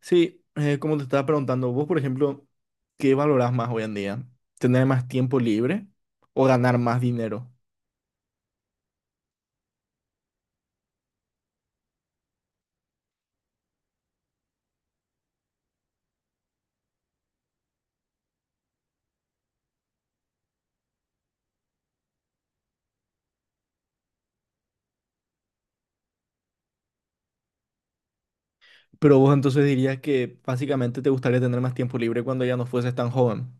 Sí, como te estaba preguntando, vos, por ejemplo, ¿qué valorás más hoy en día? ¿Tener más tiempo libre o ganar más dinero? Pero vos entonces dirías que básicamente te gustaría tener más tiempo libre cuando ya no fueses tan joven.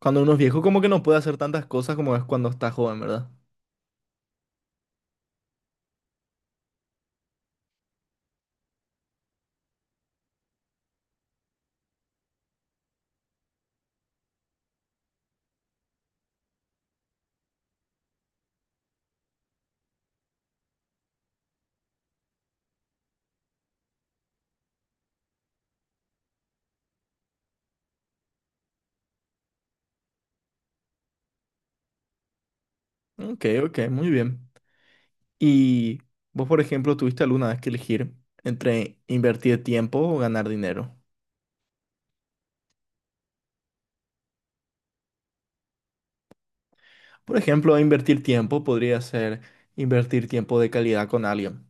Cuando uno es viejo, como que no puede hacer tantas cosas como es cuando está joven, ¿verdad? Ok, ok, muy bien. ¿Y vos, por ejemplo, tuviste alguna vez que elegir entre invertir tiempo o ganar dinero? Por ejemplo, invertir tiempo podría ser invertir tiempo de calidad con alguien.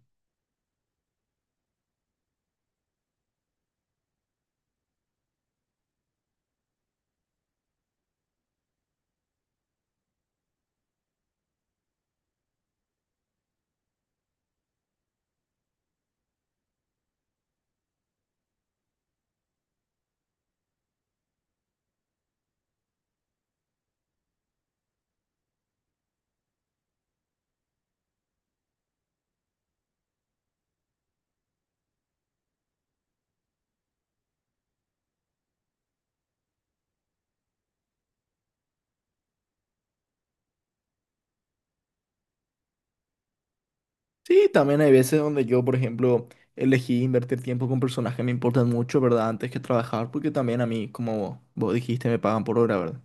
Sí, también hay veces donde yo, por ejemplo, elegí invertir tiempo con personas que me importan mucho, ¿verdad? Antes que trabajar, porque también a mí, como vos dijiste, me pagan por hora, ¿verdad?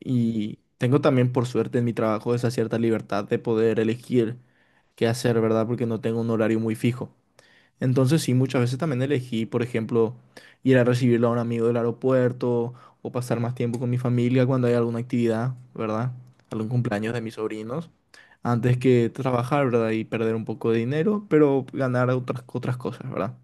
Y tengo también, por suerte, en mi trabajo esa cierta libertad de poder elegir qué hacer, ¿verdad? Porque no tengo un horario muy fijo. Entonces, sí, muchas veces también elegí, por ejemplo, ir a recibirlo a un amigo del aeropuerto o pasar más tiempo con mi familia cuando hay alguna actividad, ¿verdad? Algún cumpleaños de mis sobrinos antes que trabajar, ¿verdad? Y perder un poco de dinero, pero ganar otras, otras cosas, ¿verdad?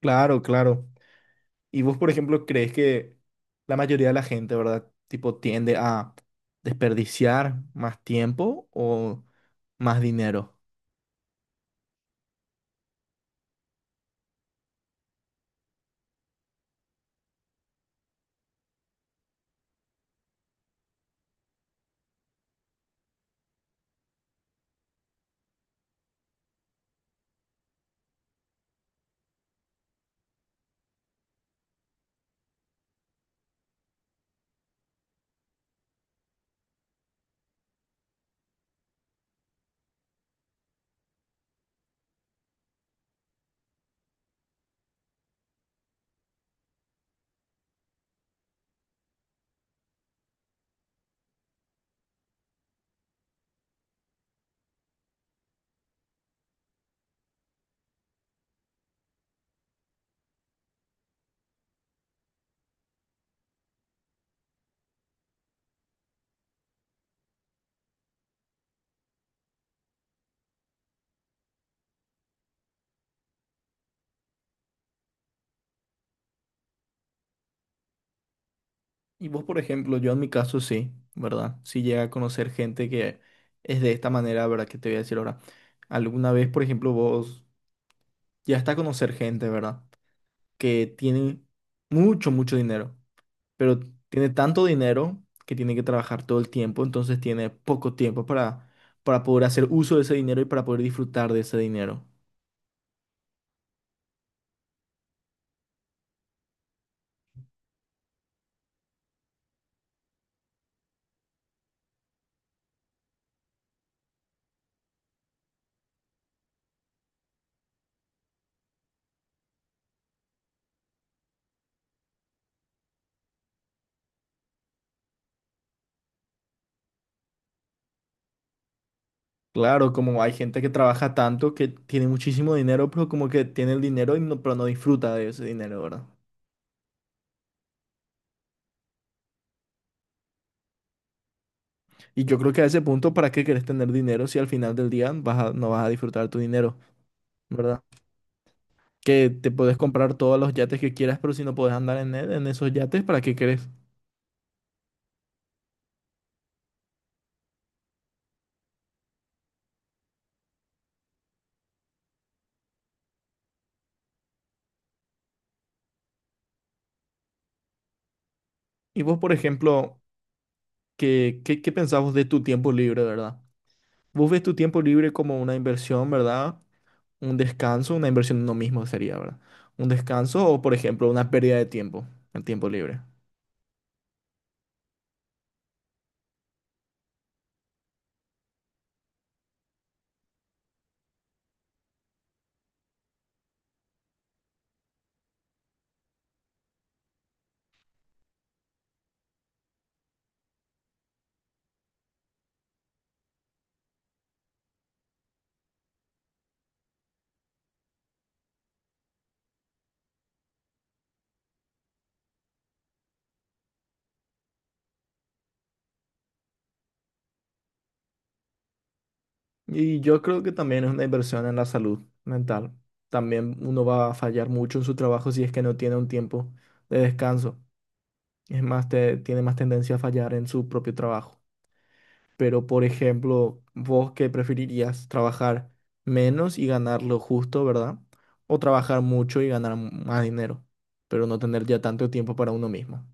Claro, claro. ¿Y vos, por ejemplo, crees que la mayoría de la gente, ¿verdad? Tipo, tiende a desperdiciar más tiempo o más dinero. Y vos, por ejemplo, yo en mi caso sí, ¿verdad? Si llega a conocer gente que es de esta manera, ¿verdad? Que te voy a decir ahora. Alguna vez, por ejemplo, vos ya está a conocer gente, ¿verdad? Que tiene mucho dinero. Pero tiene tanto dinero que tiene que trabajar todo el tiempo, entonces tiene poco tiempo para poder hacer uso de ese dinero y para poder disfrutar de ese dinero. Claro, como hay gente que trabaja tanto que tiene muchísimo dinero, pero como que tiene el dinero y no, pero no disfruta de ese dinero, ¿verdad? Y yo creo que a ese punto, ¿para qué querés tener dinero si al final del día vas no vas a disfrutar tu dinero, ¿verdad? Que te puedes comprar todos los yates que quieras, pero si no puedes andar en, en esos yates, ¿para qué querés? Y vos, por ejemplo, ¿qué pensás vos de tu tiempo libre, ¿verdad? Vos ves tu tiempo libre como una inversión, ¿verdad? Un descanso, una inversión en uno mismo sería, ¿verdad? Un descanso o, por ejemplo, una pérdida de tiempo, el tiempo libre. Y yo creo que también es una inversión en la salud mental. También uno va a fallar mucho en su trabajo si es que no tiene un tiempo de descanso. Es más, tiene más tendencia a fallar en su propio trabajo. Pero, por ejemplo, vos qué preferirías, trabajar menos y ganar lo justo, ¿verdad? O trabajar mucho y ganar más dinero, pero no tener ya tanto tiempo para uno mismo.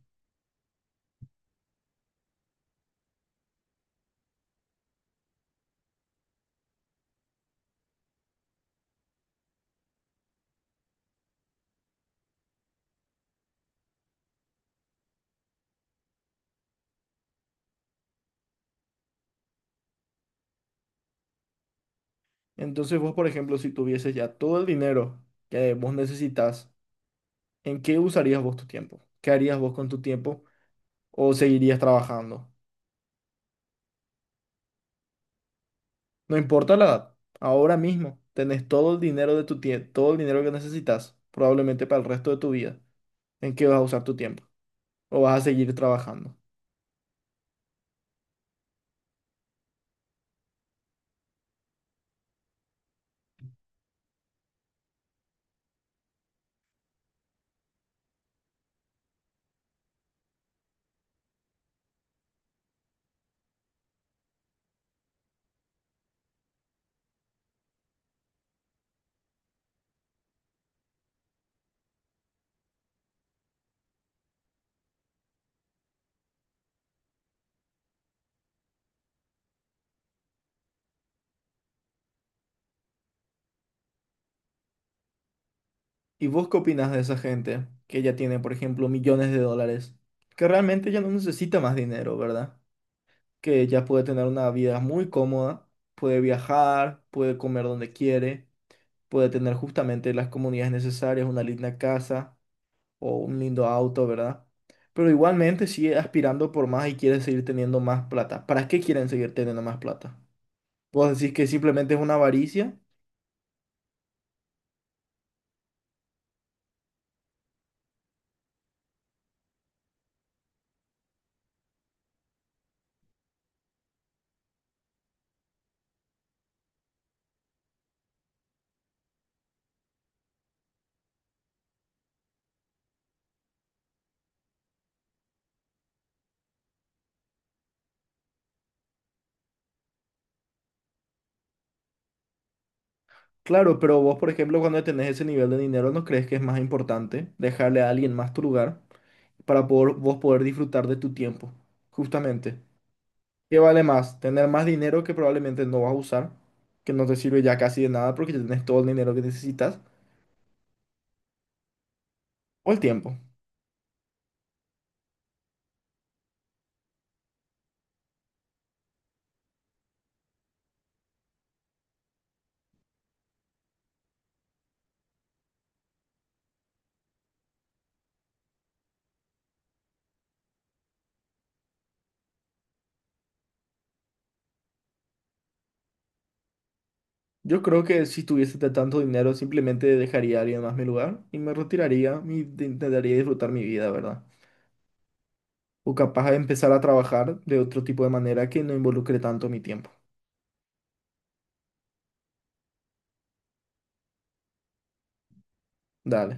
Entonces vos, por ejemplo, si tuvieses ya todo el dinero que vos necesitas, ¿en qué usarías vos tu tiempo? ¿Qué harías vos con tu tiempo? ¿O seguirías trabajando? No importa la edad, ahora mismo tenés todo el dinero de tu todo el dinero que necesitas, probablemente para el resto de tu vida. ¿En qué vas a usar tu tiempo? ¿O vas a seguir trabajando? ¿Y vos qué opinas de esa gente que ya tiene, por ejemplo, millones de dólares? Que realmente ya no necesita más dinero, ¿verdad? Que ya puede tener una vida muy cómoda, puede viajar, puede comer donde quiere, puede tener justamente las comunidades necesarias, una linda casa o un lindo auto, ¿verdad? Pero igualmente sigue aspirando por más y quiere seguir teniendo más plata. ¿Para qué quieren seguir teniendo más plata? ¿Vos decís que simplemente es una avaricia? Claro, pero vos, por ejemplo, cuando tenés ese nivel de dinero, ¿no crees que es más importante dejarle a alguien más tu lugar para poder, vos poder disfrutar de tu tiempo? Justamente. ¿Qué vale más? Tener más dinero que probablemente no vas a usar, que no te sirve ya casi de nada porque ya tenés todo el dinero que necesitas, o el tiempo. Yo creo que si tuviese de tanto dinero, simplemente dejaría a alguien más mi lugar y me retiraría y intentaría disfrutar mi vida, ¿verdad? O capaz de empezar a trabajar de otro tipo de manera que no involucre tanto mi tiempo. Dale.